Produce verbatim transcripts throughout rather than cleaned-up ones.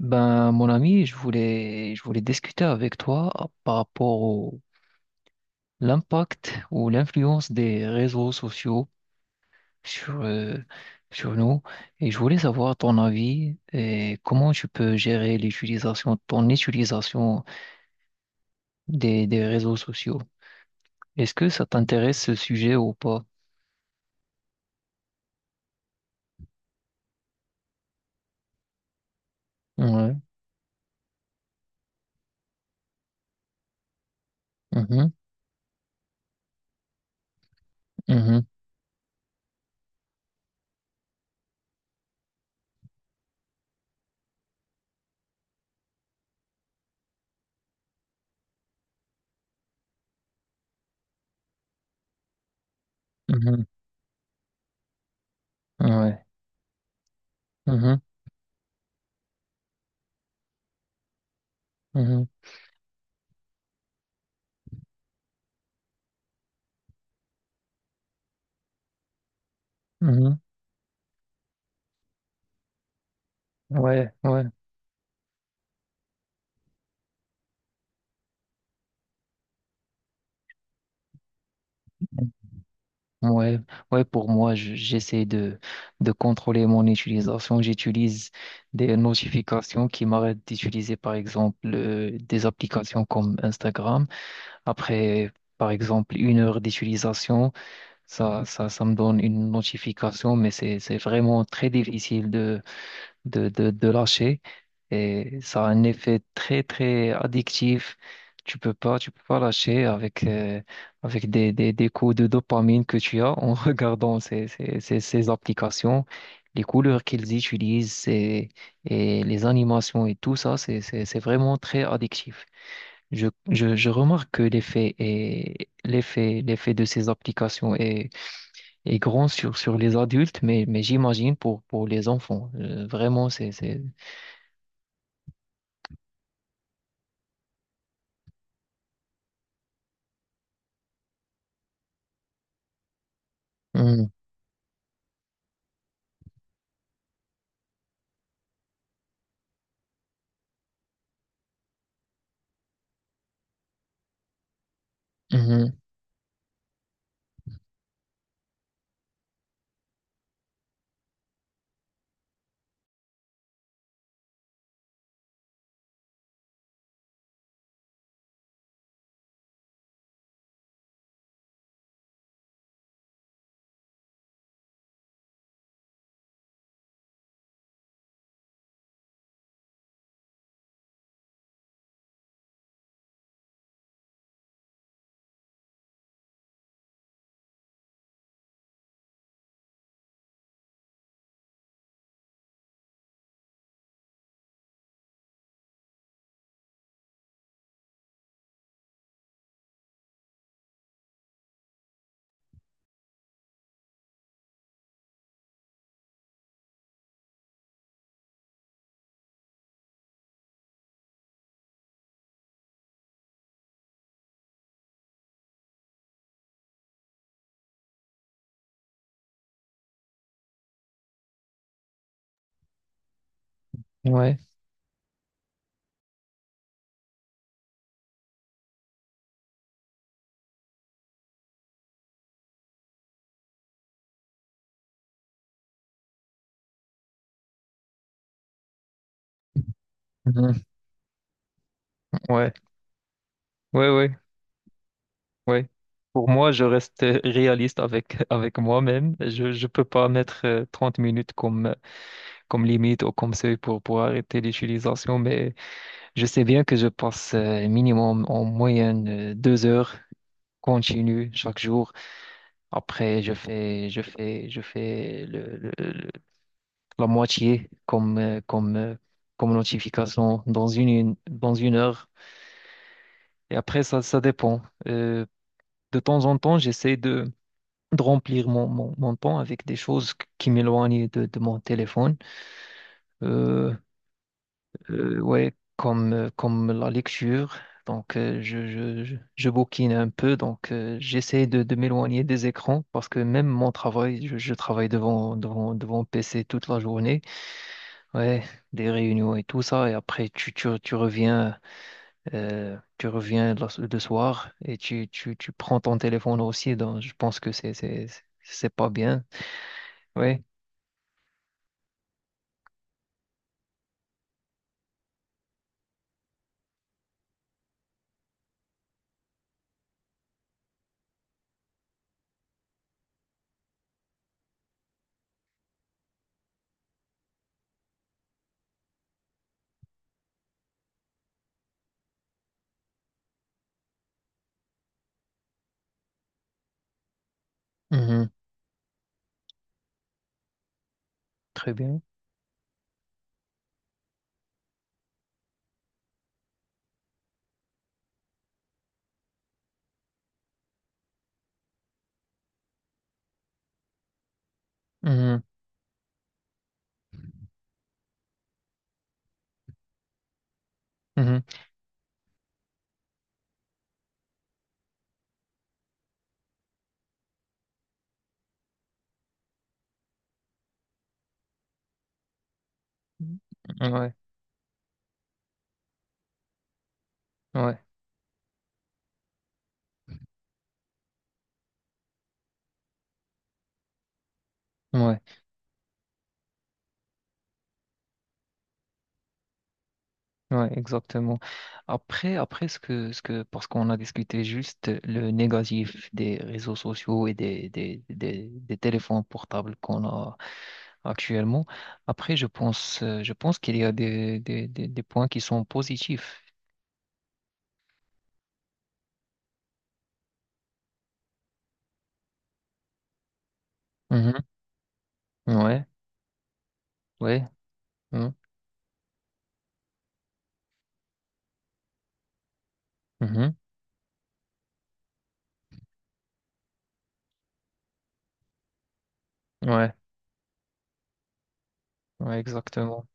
Ben, mon ami, je voulais, je voulais discuter avec toi par rapport au l'impact ou l'influence des réseaux sociaux sur, euh, sur nous. Et je voulais savoir ton avis et comment tu peux gérer l'utilisation, ton utilisation des, des réseaux sociaux. Est-ce que ça t'intéresse ce sujet ou pas? Ouais. Mhm. Mhm. Mhm. Ouais. Mhm. Mhm. Mhm. Ouais. Ouais. Ouais, ouais, pour moi, je- j'essaie de, de contrôler mon utilisation. J'utilise des notifications qui m'arrêtent d'utiliser, par exemple, euh, des applications comme Instagram. Après, par exemple, une heure d'utilisation, ça, ça, ça me donne une notification, mais c'est, c'est vraiment très difficile de, de, de lâcher. Et ça a un effet très, très addictif. Tu peux pas, tu peux pas lâcher avec, euh, avec des, des, des coups de dopamine que tu as en regardant ces, ces, ces, ces applications, les couleurs qu'ils utilisent c'est- et les animations et tout ça, c'est, c'est, c'est vraiment très addictif. Je, je, je remarque que l'effet est, l'effet, l'effet de ces applications est, est grand sur, sur les adultes, mais, mais j'imagine pour, pour les enfants. Euh, vraiment. c'est, c'est- Mhm, mhm, ouais, mhm, ouais, ouais, ouais, ouais. Pour moi, je reste réaliste avec, avec moi-même. Je je peux pas mettre euh, trente minutes comme, comme limite ou comme seuil pour, pour arrêter l'utilisation, mais je sais bien que je passe euh, minimum en moyenne euh, deux heures continues chaque jour. Après, je fais, je fais, je fais le, le- le- la moitié comme, euh, comme, euh, comme notification dans une, dans une heure. Et après, ça, ça dépend. Euh, de temps en temps, j'essaie de, de remplir mon, mon, mon temps avec des choses qui m'éloignent de, de mon téléphone. Euh, euh, ouais, comme, euh, comme la lecture. Donc, euh, je, je, je, je bouquine un peu. Donc, euh, j'essaie de, de m'éloigner des écrans parce que même mon travail, je, je travaille devant, devant, devant P C toute la journée. Ouais, des réunions et tout ça. Et après, tu, tu, tu reviens. Euh, tu reviens le le soir et tu, tu, tu prends ton téléphone aussi, donc je pense que c'est c'est c'est c'est pas bien. Oui. Mhm. Très bien. Mhm. Mhm. Ouais, ouais, ouais, ouais, exactement. Après, après ce que, ce que, parce qu'on a discuté juste le négatif des réseaux sociaux et des, des, des, des téléphones portables qu'on a actuellement. Après, je pense, euh, je pense qu'il y a des, des, des, des points qui sont positifs. Mhm. Ouais, ouais. Mhm. Mhm. Ouais, ouais, exactement.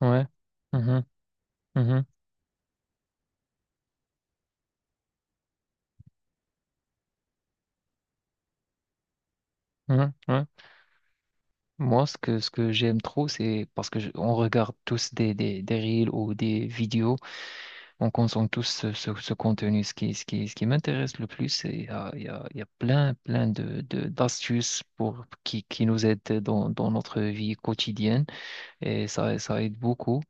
Ouais. Mhm. Mhm. Mhm. Ouais. Moi, ce que, ce que j'aime trop, c'est parce que je- on regarde tous des, des, des reels ou des vidéos, on consomme tous ce, ce, ce contenu. Ce qui, ce qui, ce qui m'intéresse le plus, c'est il y a, il y a, il y a plein, plein de, de, d'astuces pour, qui, qui nous aident dans, dans notre vie quotidienne et ça, ça aide beaucoup.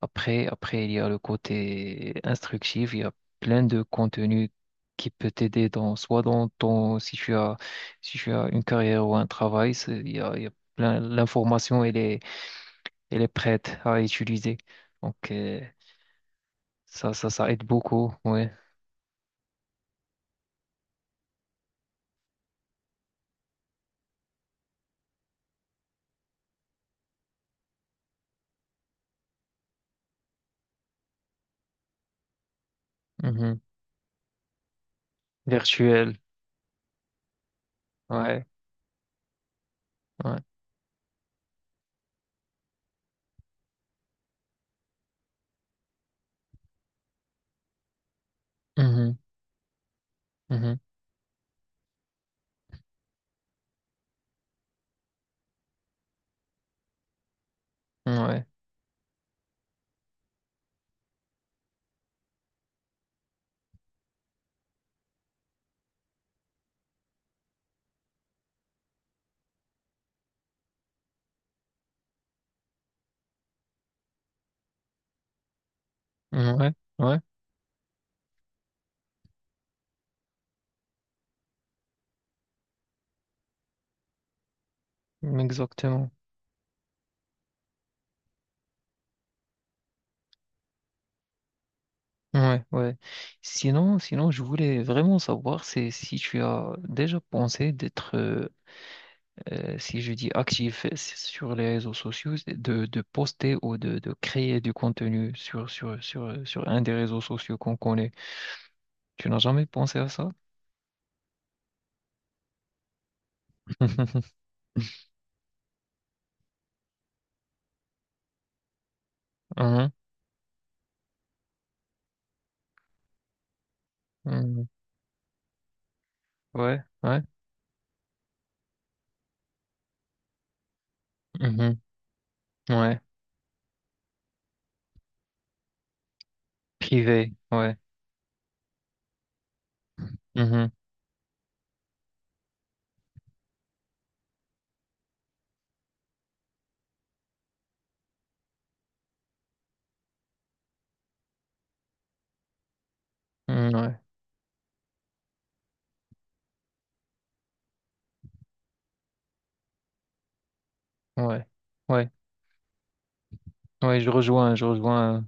Après, après, il y a le côté instructif, il y a plein de contenus qui peut t'aider dans, soit dans ton, si tu as, si tu as une carrière ou un travail, c'est- il y a, il y a plein, l'information, elle est, elle est prête à utiliser. Donc, euh, ça, ça, ça aide beaucoup, ouais. Mhm. Virtuel, ouais, ouais. Mhm, mhm, ouais, ouais, ouais, exactement. Ouais, ouais. Sinon, sinon, je voulais vraiment savoir c'est si tu as déjà pensé d'être, euh, euh, si je dis actif sur les réseaux sociaux, c'est de, de poster ou de, de créer du contenu sur, sur, sur, euh, sur un des réseaux sociaux qu'on connaît. Tu n'as jamais pensé à ça? Mhm, mhm. Ouais, ouais. Mhm, ouais. Privé, ouais. Mhm, mhm, ouais, ouais. Ouais, ouais, je rejoins, je rejoins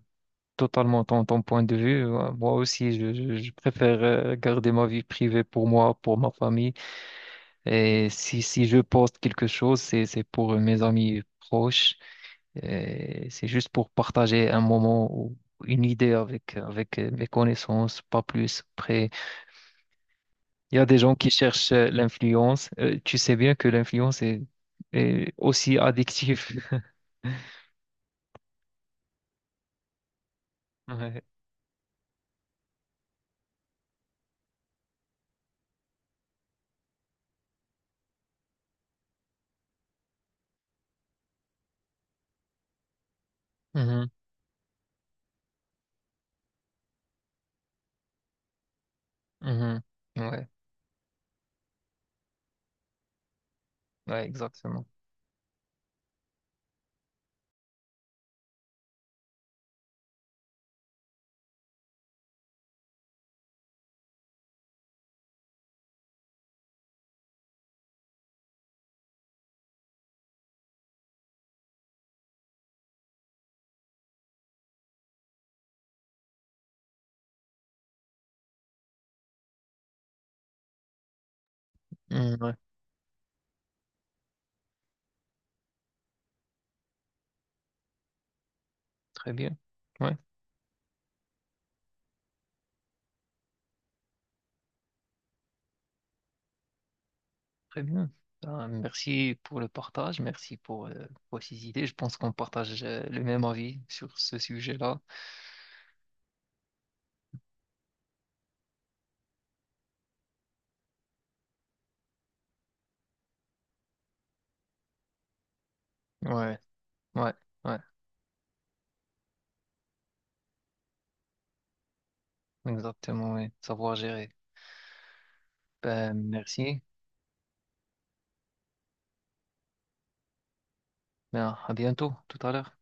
totalement ton, ton point de vue. Euh, Moi aussi, je, je- je préfère euh, garder ma vie privée pour moi, pour ma famille. Et si, si je poste quelque chose, c'est, c'est pour mes amis proches. Et c'est juste pour partager un moment ou une idée avec, avec euh, mes connaissances, pas plus. Après, il y a des gens qui cherchent euh, l'influence. Euh, tu sais bien que l'influence est, est aussi addictive. Ouais. Mhm. Mhm. Ouais. Ouais, exactement. Mhm. Ouais. Très bien. Ouais. Très bien. Ben, merci pour le partage, merci pour, euh, pour ces idées. Je pense qu'on partage euh, le même avis sur ce sujet-là. Ouais, ouais, ouais, exactement, ouais. Savoir gérer. Ben, merci. Ben, à bientôt, tout à l'heure.